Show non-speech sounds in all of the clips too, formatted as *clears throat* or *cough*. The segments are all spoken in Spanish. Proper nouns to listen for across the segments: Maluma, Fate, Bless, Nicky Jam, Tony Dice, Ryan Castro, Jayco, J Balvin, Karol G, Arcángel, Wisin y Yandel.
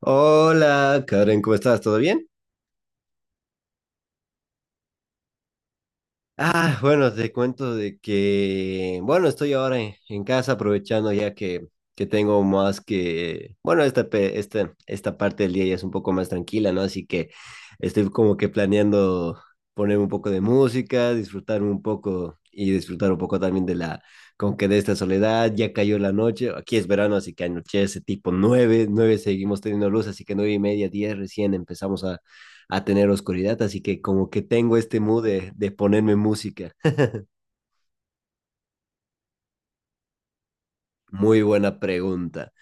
Hola, Karen, ¿cómo estás? ¿Todo bien? Ah, bueno, te cuento de que, bueno, estoy ahora en casa aprovechando ya que tengo más que, bueno, esta parte del día ya es un poco más tranquila, ¿no? Así que estoy como que planeando poner un poco de música, disfrutar un poco y disfrutar un poco también como que de esta soledad. Ya cayó la noche, aquí es verano, así que anochece tipo 9, 9 seguimos teniendo luz, así que 9:30, 10 recién empezamos a tener oscuridad. Así que como que tengo este mood de ponerme música. Muy buena pregunta.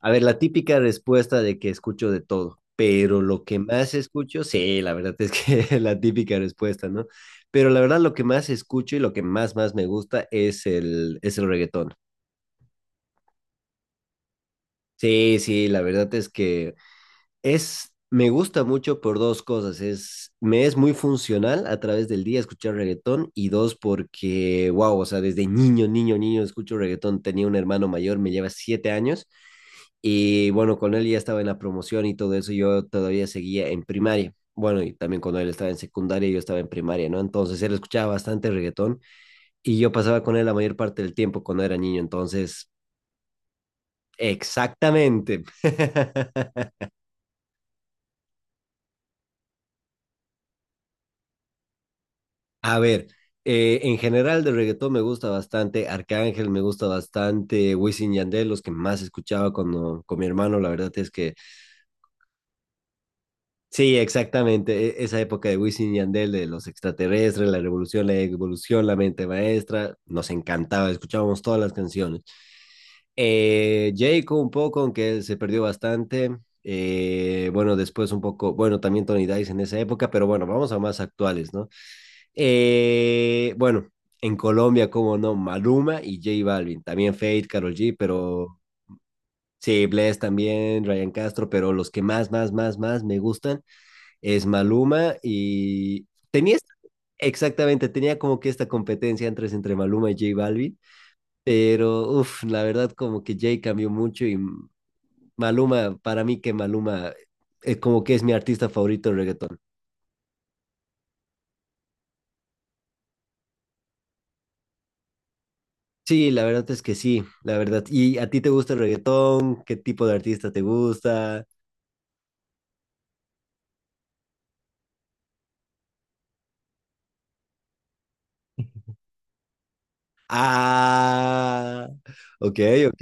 A ver, la típica respuesta de que escucho de todo, pero lo que más escucho, sí, la verdad es que *laughs* la típica respuesta, ¿no? Pero la verdad lo que más escucho y lo que más, más me gusta es el reggaetón. Sí, sí, la verdad es que, me gusta mucho por dos cosas. Me es muy funcional a través del día escuchar reggaetón y dos, porque, wow, o sea, desde niño, niño, niño escucho reggaetón. Tenía un hermano mayor, me lleva 7 años y bueno, con él ya estaba en la promoción y todo eso. Yo todavía seguía en primaria. Bueno, y también cuando él estaba en secundaria, yo estaba en primaria, ¿no? Entonces él escuchaba bastante reggaetón y yo pasaba con él la mayor parte del tiempo cuando era niño. Entonces, exactamente. *laughs* A ver, en general de reggaetón me gusta bastante Arcángel, me gusta bastante Wisin y Yandel, los que más escuchaba cuando, con mi hermano, la verdad es que sí, exactamente, esa época de Wisin y Yandel, de los extraterrestres, la revolución, la evolución, la mente maestra, nos encantaba, escuchábamos todas las canciones. Jayco un poco, aunque se perdió bastante. Bueno, después un poco, bueno, también Tony Dice en esa época, pero bueno, vamos a más actuales, ¿no? Bueno, en Colombia, como no, Maluma y J Balvin, también Fate, Karol G, pero sí, Bless también, Ryan Castro, pero los que más, más, más, más me gustan es Maluma. Y tenía, exactamente, tenía como que esta competencia entre Maluma y J Balvin, pero uff, la verdad como que J cambió mucho. Y Maluma, para mí que Maluma es como que es mi artista favorito de reggaetón. Sí, la verdad es que sí, la verdad. ¿Y a ti te gusta el reggaetón? ¿Qué tipo de artista te gusta? Ah, ok, ok,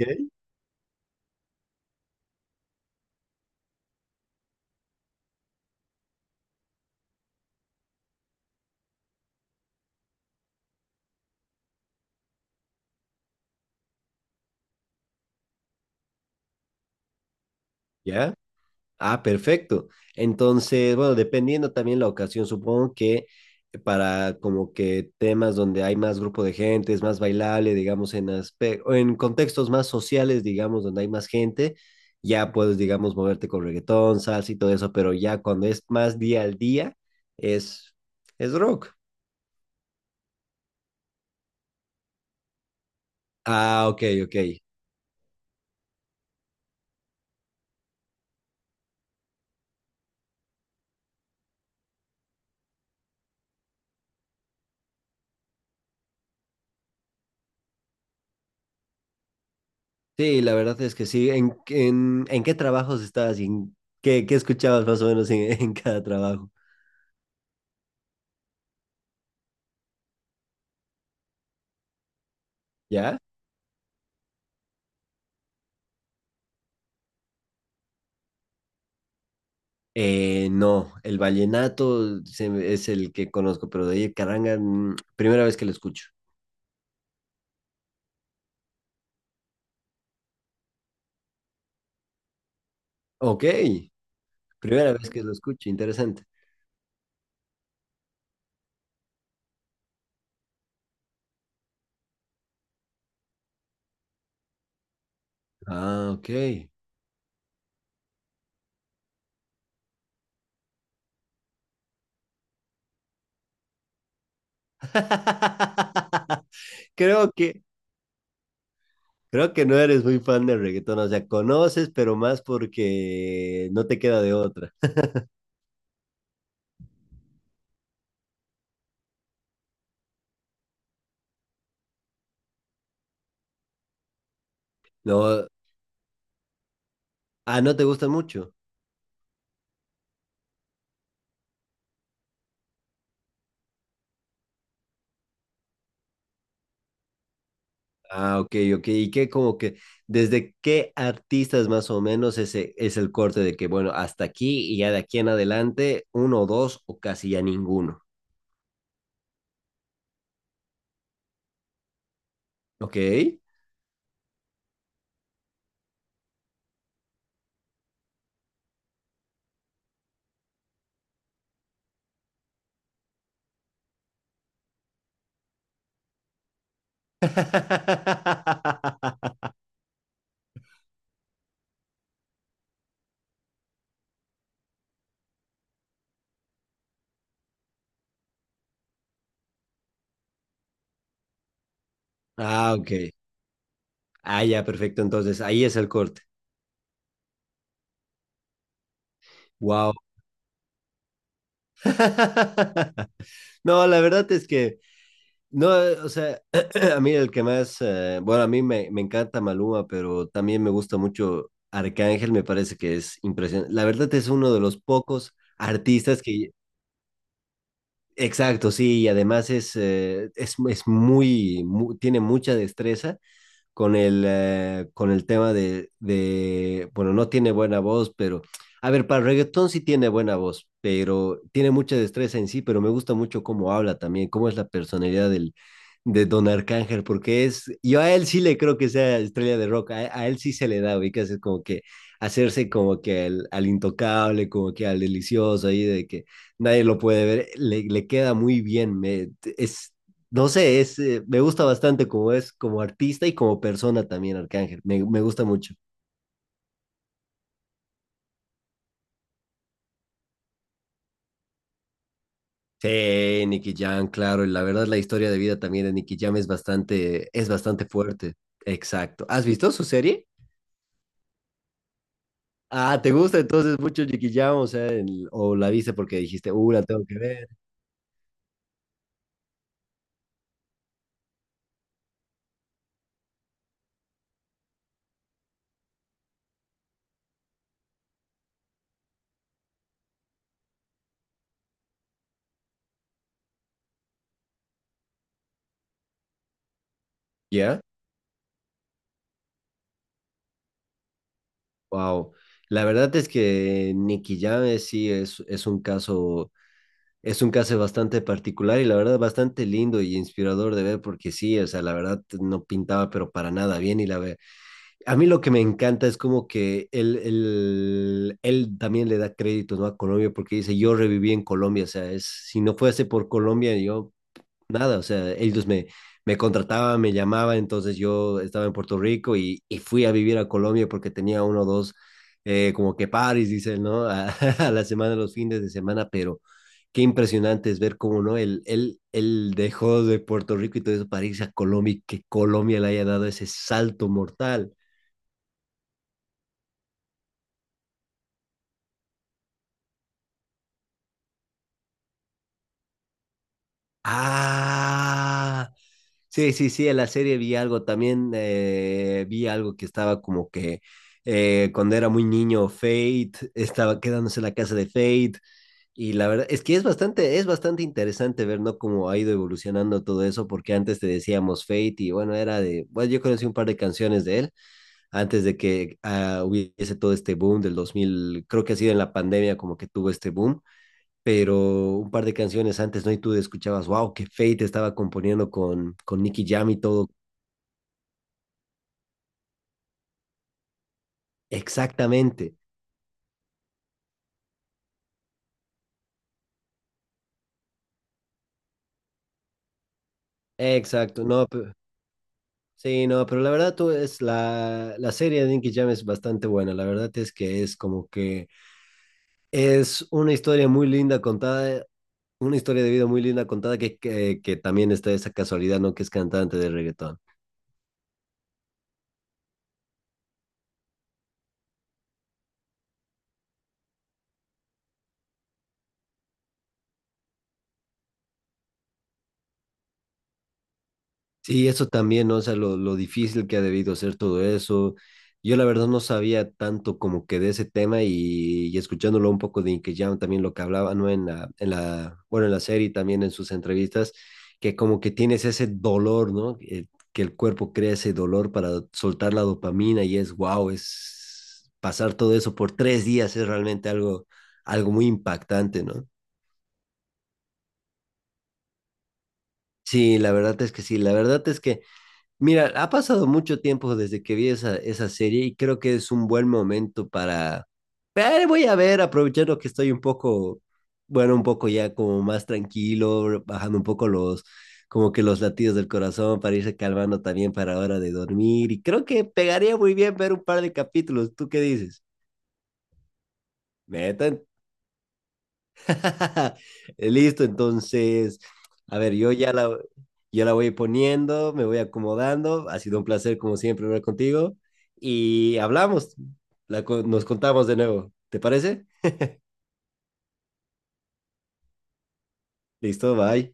ya. Ah, perfecto. Entonces, bueno, dependiendo también la ocasión, supongo que para como que temas donde hay más grupo de gente, es más bailable, digamos, o en contextos más sociales, digamos, donde hay más gente, ya puedes, digamos, moverte con reggaetón, salsa y todo eso, pero ya cuando es más día al día, es, es rock. Ah, ok, ok. Sí, la verdad es que sí. ¿En qué trabajos estabas y en qué escuchabas más o menos en, *laughs* en cada trabajo? ¿Ya? No, el vallenato es el que conozco, pero de ahí caranga, primera vez que lo escucho. Ok, primera vez que lo escucho, interesante. Ah, ok. *laughs* Creo que, creo que no eres muy fan del reggaetón, o sea, conoces, pero más porque no te queda de otra. No, ah, no te gusta mucho. Ah, ok, ok. ¿Y qué? Como que, ¿desde qué artistas más o menos ese es el corte de que, bueno, hasta aquí y ya de aquí en adelante, uno o dos o casi ya ninguno? Ok. *laughs* Ah, ok. Ah, ya, perfecto. Entonces, ahí es el corte. Wow. *laughs* No, la verdad es que no, o sea, *clears throat* a mí el que más, bueno, a mí me encanta Maluma, pero también me gusta mucho Arcángel, me parece que es impresionante. La verdad es uno de los pocos artistas que, exacto, sí, y además es muy, tiene mucha destreza con el tema de, bueno, no tiene buena voz, pero, a ver, para reggaetón sí tiene buena voz, pero tiene mucha destreza en sí, pero me gusta mucho cómo habla también, cómo es la personalidad de Don Arcángel, porque yo a él sí le creo que sea estrella de rock, a él sí se le da, ubicas, es como que hacerse como que al, intocable, como que al delicioso ahí, de que nadie lo puede ver, le queda muy bien, es no sé, me gusta bastante como es, como artista y como persona también, Arcángel. Me gusta mucho. Sí, Nicky Jam, claro. Y la verdad, la historia de vida también de Nicky Jam es bastante fuerte. Exacto. ¿Has visto su serie? Ah, ¿te gusta entonces mucho Nicky Jam? O sea, o la viste porque dijiste, la tengo que ver. ¿Ya? Wow. La verdad es que Nicky Jam sí es un caso. Es un caso bastante particular y la verdad bastante lindo y inspirador de ver, porque sí, o sea, la verdad no pintaba pero para nada bien y la ve. A mí lo que me encanta es como que él también le da crédito, ¿no? A Colombia, porque dice, yo reviví en Colombia, o sea, si no fuese por Colombia yo nada, o sea, ellos me contrataban, me llamaban, entonces yo estaba en Puerto Rico y fui a vivir a Colombia porque tenía uno o dos, como que paris, dicen, ¿no? *laughs* A la semana, los fines de semana, pero qué impresionante es ver cómo, ¿no? Él dejó de Puerto Rico y todo eso para irse a Colombia y que Colombia le haya dado ese salto mortal. Ah, sí, sí, sí, en la serie vi algo también, vi algo que estaba como que cuando era muy niño, Fate estaba quedándose en la casa de Fate y la verdad es que es bastante interesante ver, ¿no? Cómo ha ido evolucionando todo eso, porque antes te decíamos Fate y bueno, era de, bueno, yo conocí un par de canciones de él antes de que hubiese todo este boom del 2000. Creo que ha sido en la pandemia como que tuvo este boom, pero un par de canciones antes, ¿no? Y tú escuchabas, wow, que Fate estaba componiendo con Nicky Jam y todo. Exactamente, exacto, no, sí, no, pero la verdad tú es la serie de Nicky Jam es bastante buena, la verdad es que es como que es una historia muy linda contada, una historia de vida muy linda contada que, que también está esa casualidad, ¿no? Que es cantante de reggaetón. Sí, eso también, ¿no? O sea, lo difícil que ha debido ser todo eso. Yo la verdad no sabía tanto como que de ese tema y escuchándolo un poco de Inky Jam, también lo que hablaba, ¿no? En la, bueno, en la serie y también en sus entrevistas, que como que tienes ese dolor, ¿no? Que el cuerpo crea ese dolor para soltar la dopamina y es wow, es pasar todo eso por 3 días es realmente algo, muy impactante, ¿no? Sí, la verdad es que sí, la verdad es que Mira, ha pasado mucho tiempo desde que vi esa serie y creo que es un buen momento para. Voy a ver, aprovechando que estoy un poco, bueno, un poco ya como más tranquilo, bajando un poco como que los latidos del corazón para irse calmando también para hora de dormir. Y creo que pegaría muy bien ver un par de capítulos. ¿Tú qué dices? Metan *laughs* Listo, entonces, a ver, yo ya la, yo la voy poniendo, me voy acomodando. Ha sido un placer, como siempre, hablar contigo. Y hablamos, nos contamos de nuevo. ¿Te parece? Listo, bye.